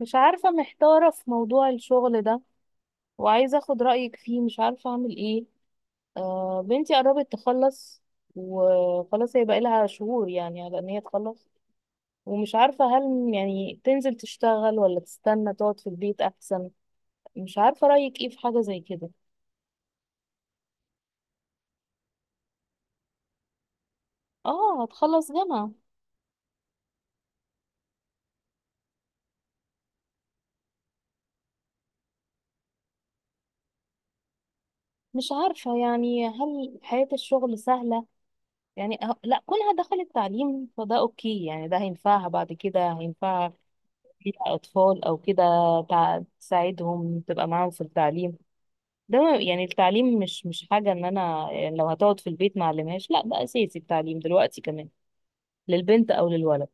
مش عارفة، محتارة في موضوع الشغل ده وعايزة اخد رأيك فيه. مش عارفة اعمل ايه. آه، بنتي قربت تخلص وخلاص، هي بقى لها شهور يعني على ان هي تخلص. ومش عارفة هل يعني تنزل تشتغل ولا تستنى تقعد في البيت احسن. مش عارفة رأيك ايه في حاجة زي كده. اه، هتخلص جامعة. مش عارفة يعني هل حياة الشغل سهلة. يعني لا، كونها دخلت تعليم فده اوكي. يعني ده هينفعها، بعد كده هينفعها فيها أطفال أو كده. تساعدهم، تبقى معاهم في التعليم. ده ما- يعني التعليم مش حاجة. إن أنا يعني لو هتقعد في البيت ما أعلمهاش، لا ده أساسي، التعليم دلوقتي كمان للبنت أو للولد.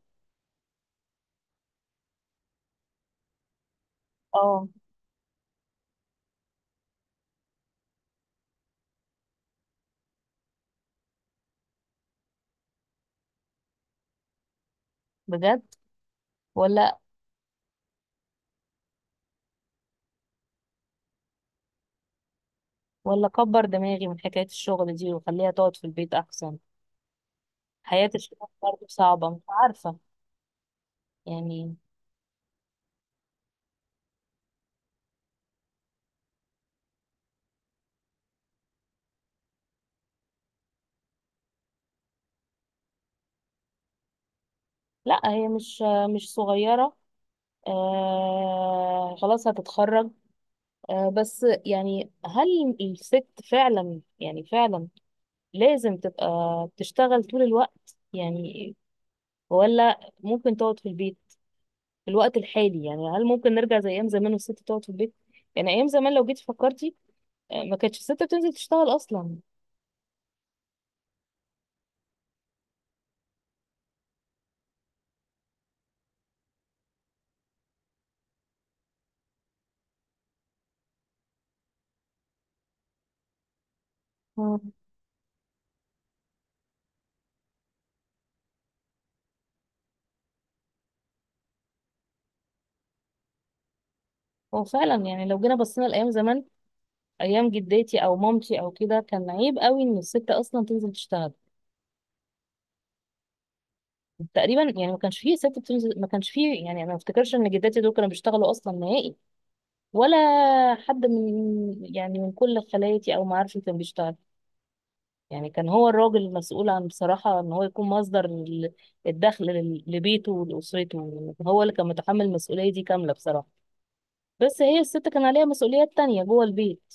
اه، بجد؟ ولا؟ ولا كبر دماغي من حكاية الشغل دي وخليها تقعد في البيت أحسن؟ حياة الشغل برضه صعبة، مش عارفة يعني. لا هي مش صغيرة. آه، خلاص هتتخرج. آه، بس يعني هل الست فعلا يعني فعلا لازم تبقى بتشتغل طول الوقت يعني؟ ولا ممكن تقعد في البيت في الوقت الحالي؟ يعني هل ممكن نرجع زي ايام زمان والست تقعد في البيت؟ يعني ايام زمان لو جيتي فكرتي، ما كانتش الست بتنزل تشتغل اصلا. مم. هو فعلا يعني لو جينا بصينا لايام زمان، ايام جداتي او مامتي او كده، كان عيب قوي ان الست اصلا تنزل تشتغل. تقريبا يعني ما كانش فيه ست بتنزل، ما كانش فيه يعني. انا ما افتكرش ان جداتي دول كانوا بيشتغلوا اصلا نهائي. ولا حد من يعني من كل خالاتي او معارفي كان بيشتغل. يعني كان هو الراجل المسؤول عن، بصراحة، ان هو يكون مصدر الدخل لبيته ولأسرته. هو اللي كان متحمل المسؤولية دي كاملة بصراحة. بس هي الست كان عليها مسؤوليات تانية جوه البيت.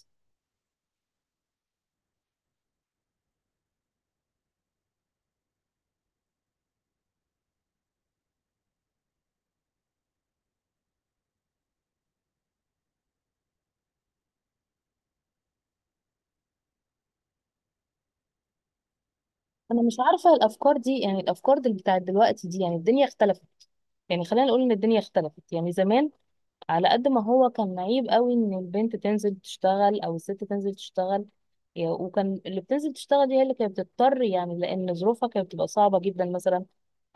انا مش عارفة، الافكار دي يعني الافكار دي بتاعت دلوقتي دي، يعني الدنيا اختلفت. يعني خلينا نقول ان الدنيا اختلفت. يعني زمان على قد ما هو كان عيب قوي ان البنت تنزل تشتغل او الست تنزل تشتغل، وكان اللي بتنزل تشتغل دي هي اللي كانت بتضطر يعني، لان ظروفها كانت بتبقى صعبة جدا. مثلا،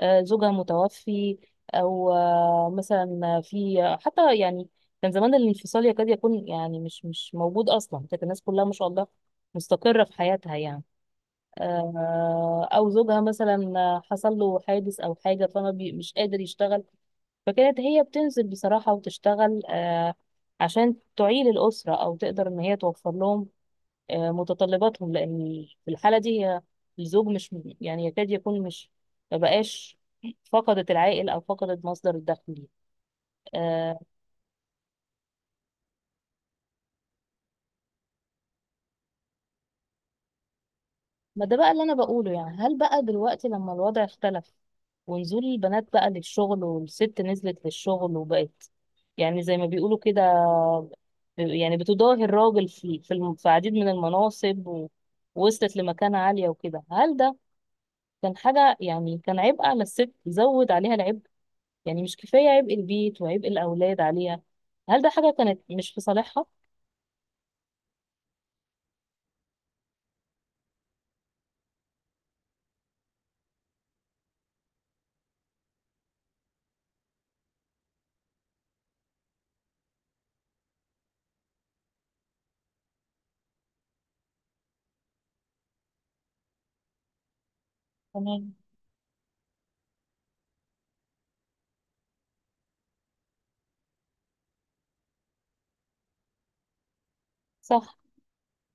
زوجها متوفي. او مثلا، في حتى يعني كان زمان الانفصال يكاد يكون يعني مش موجود اصلا. كانت الناس كلها ما شاء الله مستقرة في حياتها يعني. او زوجها مثلا حصل له حادث او حاجة، مش قادر يشتغل. فكانت هي بتنزل بصراحة وتشتغل، عشان تعيل الأسرة أو تقدر إن هي توفر لهم متطلباتهم. لأن في الحالة دي هي الزوج مش، يعني يكاد يكون مش، مبقاش. فقدت العائل أو فقدت مصدر الدخل ليها. آه، ما ده بقى اللي أنا بقوله. يعني هل بقى دلوقتي لما الوضع اختلف، ونزول البنات بقى للشغل، والست نزلت للشغل وبقت يعني زي ما بيقولوا كده، يعني بتضاهي الراجل في في عديد من المناصب، ووصلت لمكانة عالية وكده، هل ده كان حاجة، يعني كان عبء على الست، زود عليها العبء؟ يعني مش كفاية عبء البيت وعبء الأولاد عليها؟ هل ده حاجة كانت مش في صالحها؟ تمام. صح.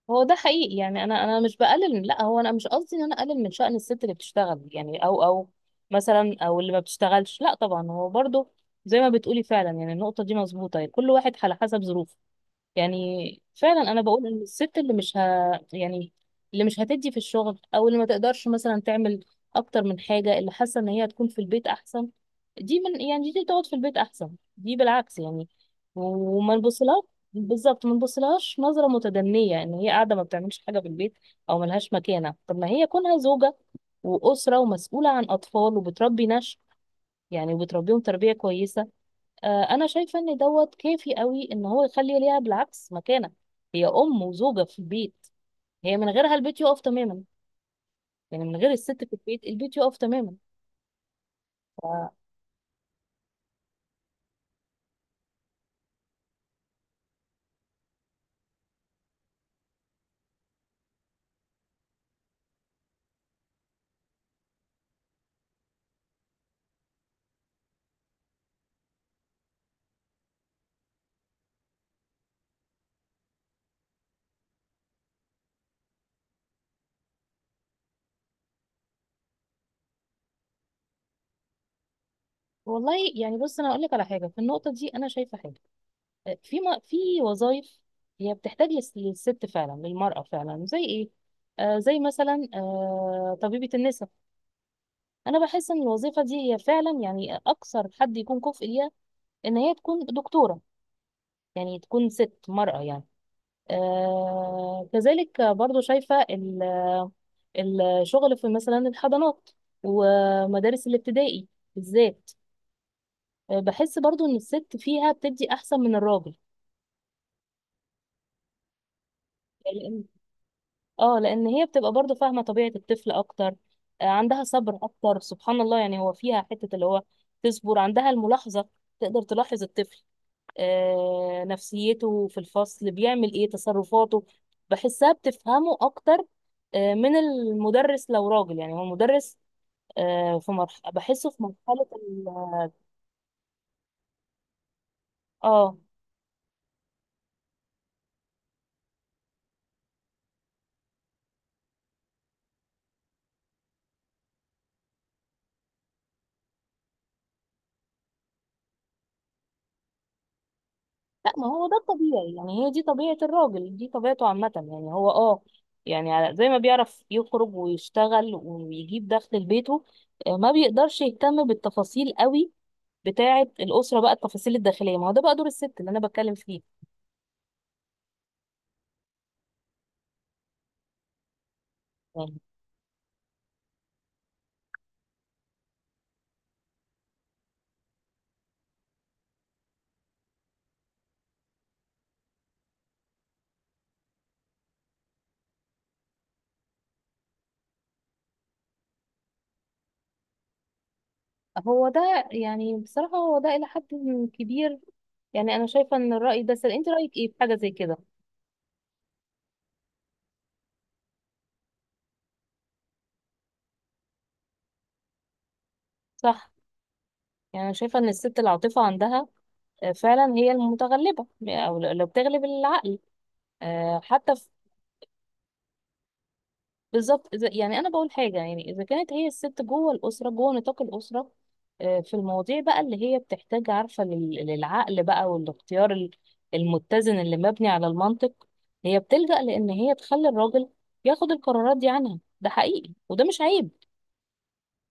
هو ده حقيقي، يعني أنا مش بقلل. لا هو أنا مش قصدي إن أنا أقلل من شأن الست اللي بتشتغل يعني، أو مثلا، أو اللي ما بتشتغلش، لا طبعا. هو برضه زي ما بتقولي فعلا، يعني النقطة دي مظبوطة. يعني كل واحد على حسب ظروفه يعني. فعلا انا بقول ان الست اللي مش يعني اللي مش هتدي في الشغل، او اللي ما تقدرش مثلا تعمل اكتر من حاجه، اللي حاسه ان هي هتكون في البيت احسن، دي من يعني دي تقعد في البيت احسن. دي بالعكس يعني. وما نبصلهاش. بالظبط، ما نبصلهاش نظره متدنيه ان هي قاعده ما بتعملش حاجه في البيت او ملهاش مكانه. طب ما هي كونها زوجه واسره ومسؤوله عن اطفال، وبتربي نشء يعني، وبتربيهم تربيه كويسه. انا شايفه ان دوت كافي قوي ان هو يخلي ليها بالعكس مكانه. هي ام وزوجه في البيت. هي من غيرها البيت يقف تماما. يعني من غير الست في البيت، البيت يقف تماما. ف... والله يعني، بص انا اقول لك على حاجه. في النقطه دي انا شايفه حاجه. في وظائف هي بتحتاج للست فعلا، للمراه فعلا، زي ايه؟ آه، زي مثلا طبيبه النساء. انا بحس ان الوظيفه دي هي فعلا يعني اكثر حد يكون كفء ليها ان هي تكون دكتوره، يعني تكون ست، مرأة يعني. كذلك برضو شايفة الشغل في مثلا الحضانات ومدارس الابتدائي بالذات. بحس برضو ان الست فيها بتدي احسن من الراجل. لأن اه لان هي بتبقى برضو فاهمة طبيعة الطفل اكتر. عندها صبر اكتر سبحان الله. يعني هو فيها حتة اللي هو تصبر، عندها الملاحظة، تقدر تلاحظ الطفل، نفسيته في الفصل بيعمل ايه، تصرفاته. بحسها بتفهمه اكتر من المدرس لو راجل. يعني هو المدرس في مرحلة، بحسه في مرحلة اه لا، ما هو ده الطبيعي. يعني هي دي طبيعة الراجل، دي طبيعته عامة. يعني هو، يعني زي ما بيعرف يخرج ويشتغل ويجيب دخل لبيته، ما بيقدرش يهتم بالتفاصيل قوي بتاعة الأسرة بقى، التفاصيل الداخلية، ما هو ده بقى دور الست اللي أنا بتكلم فيه. يعني هو ده يعني بصراحة، هو ده إلى حد كبير. يعني أنا شايفة إن الرأي ده أنت رأيك إيه في حاجة زي كده؟ صح. يعني أنا شايفة إن الست العاطفة عندها فعلا هي المتغلبة، يعني أو لو بتغلب العقل حتى. بالظبط. إذا يعني انا بقول حاجه، يعني اذا كانت هي الست جوه الاسره، جوه نطاق الاسره، في المواضيع بقى اللي هي بتحتاج عارفه للعقل بقى، والاختيار المتزن اللي مبني على المنطق، هي بتلجأ لان هي تخلي الراجل ياخد القرارات دي عنها. ده حقيقي وده مش عيب.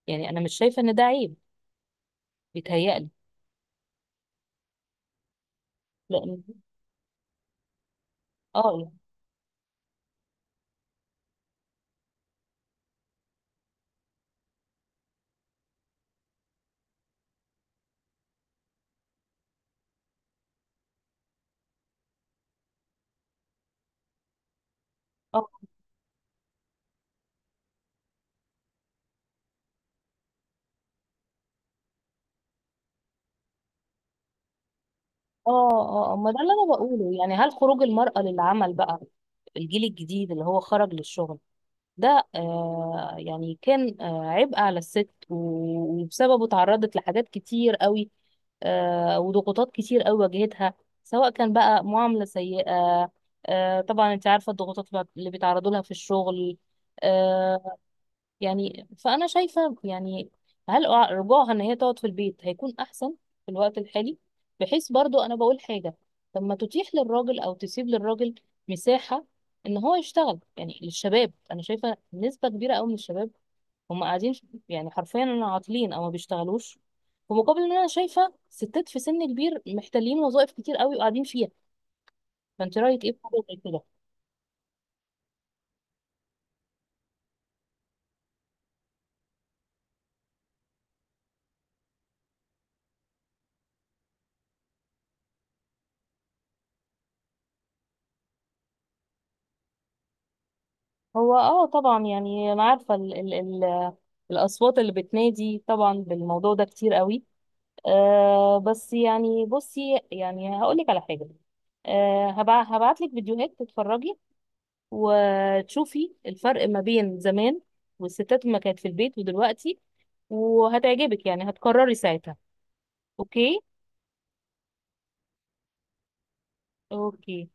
يعني انا مش شايفه ان ده عيب. بيتهيألي لان اه اه اه ما ده اللي انا بقوله. يعني هل خروج المرأة للعمل بقى، الجيل الجديد اللي هو خرج للشغل ده، يعني كان عبء على الست، وبسببه اتعرضت لحاجات كتير قوي وضغوطات كتير قوي واجهتها، سواء كان بقى معاملة سيئة. طبعا انت عارفة الضغوطات اللي بيتعرضوا لها في الشغل. آه، يعني فأنا شايفة يعني هل رجوعها إن هي تقعد في البيت هيكون أحسن في الوقت الحالي؟ بحيث برضو، أنا بقول حاجة، طب ما تتيح للراجل أو تسيب للراجل مساحة إن هو يشتغل. يعني للشباب، أنا شايفة نسبة كبيرة أوي من الشباب هم قاعدين يعني حرفيا أنا عاطلين أو ما بيشتغلوش. في مقابل إن أنا شايفة ستات في سن كبير محتلين وظائف كتير أوي وقاعدين فيها. فأنت رأيك إيه في حاجة زي كده؟ هو اه، طبعا، يعني انا عارفه ال ال ال الاصوات اللي بتنادي طبعا بالموضوع ده كتير قوي. آه، بس يعني بصي، يعني هقول لك على حاجه. هبعت لك فيديوهات تتفرجي وتشوفي الفرق ما بين زمان والستات ما كانت في البيت ودلوقتي، وهتعجبك يعني، هتقرري ساعتها. اوكي. اوكي.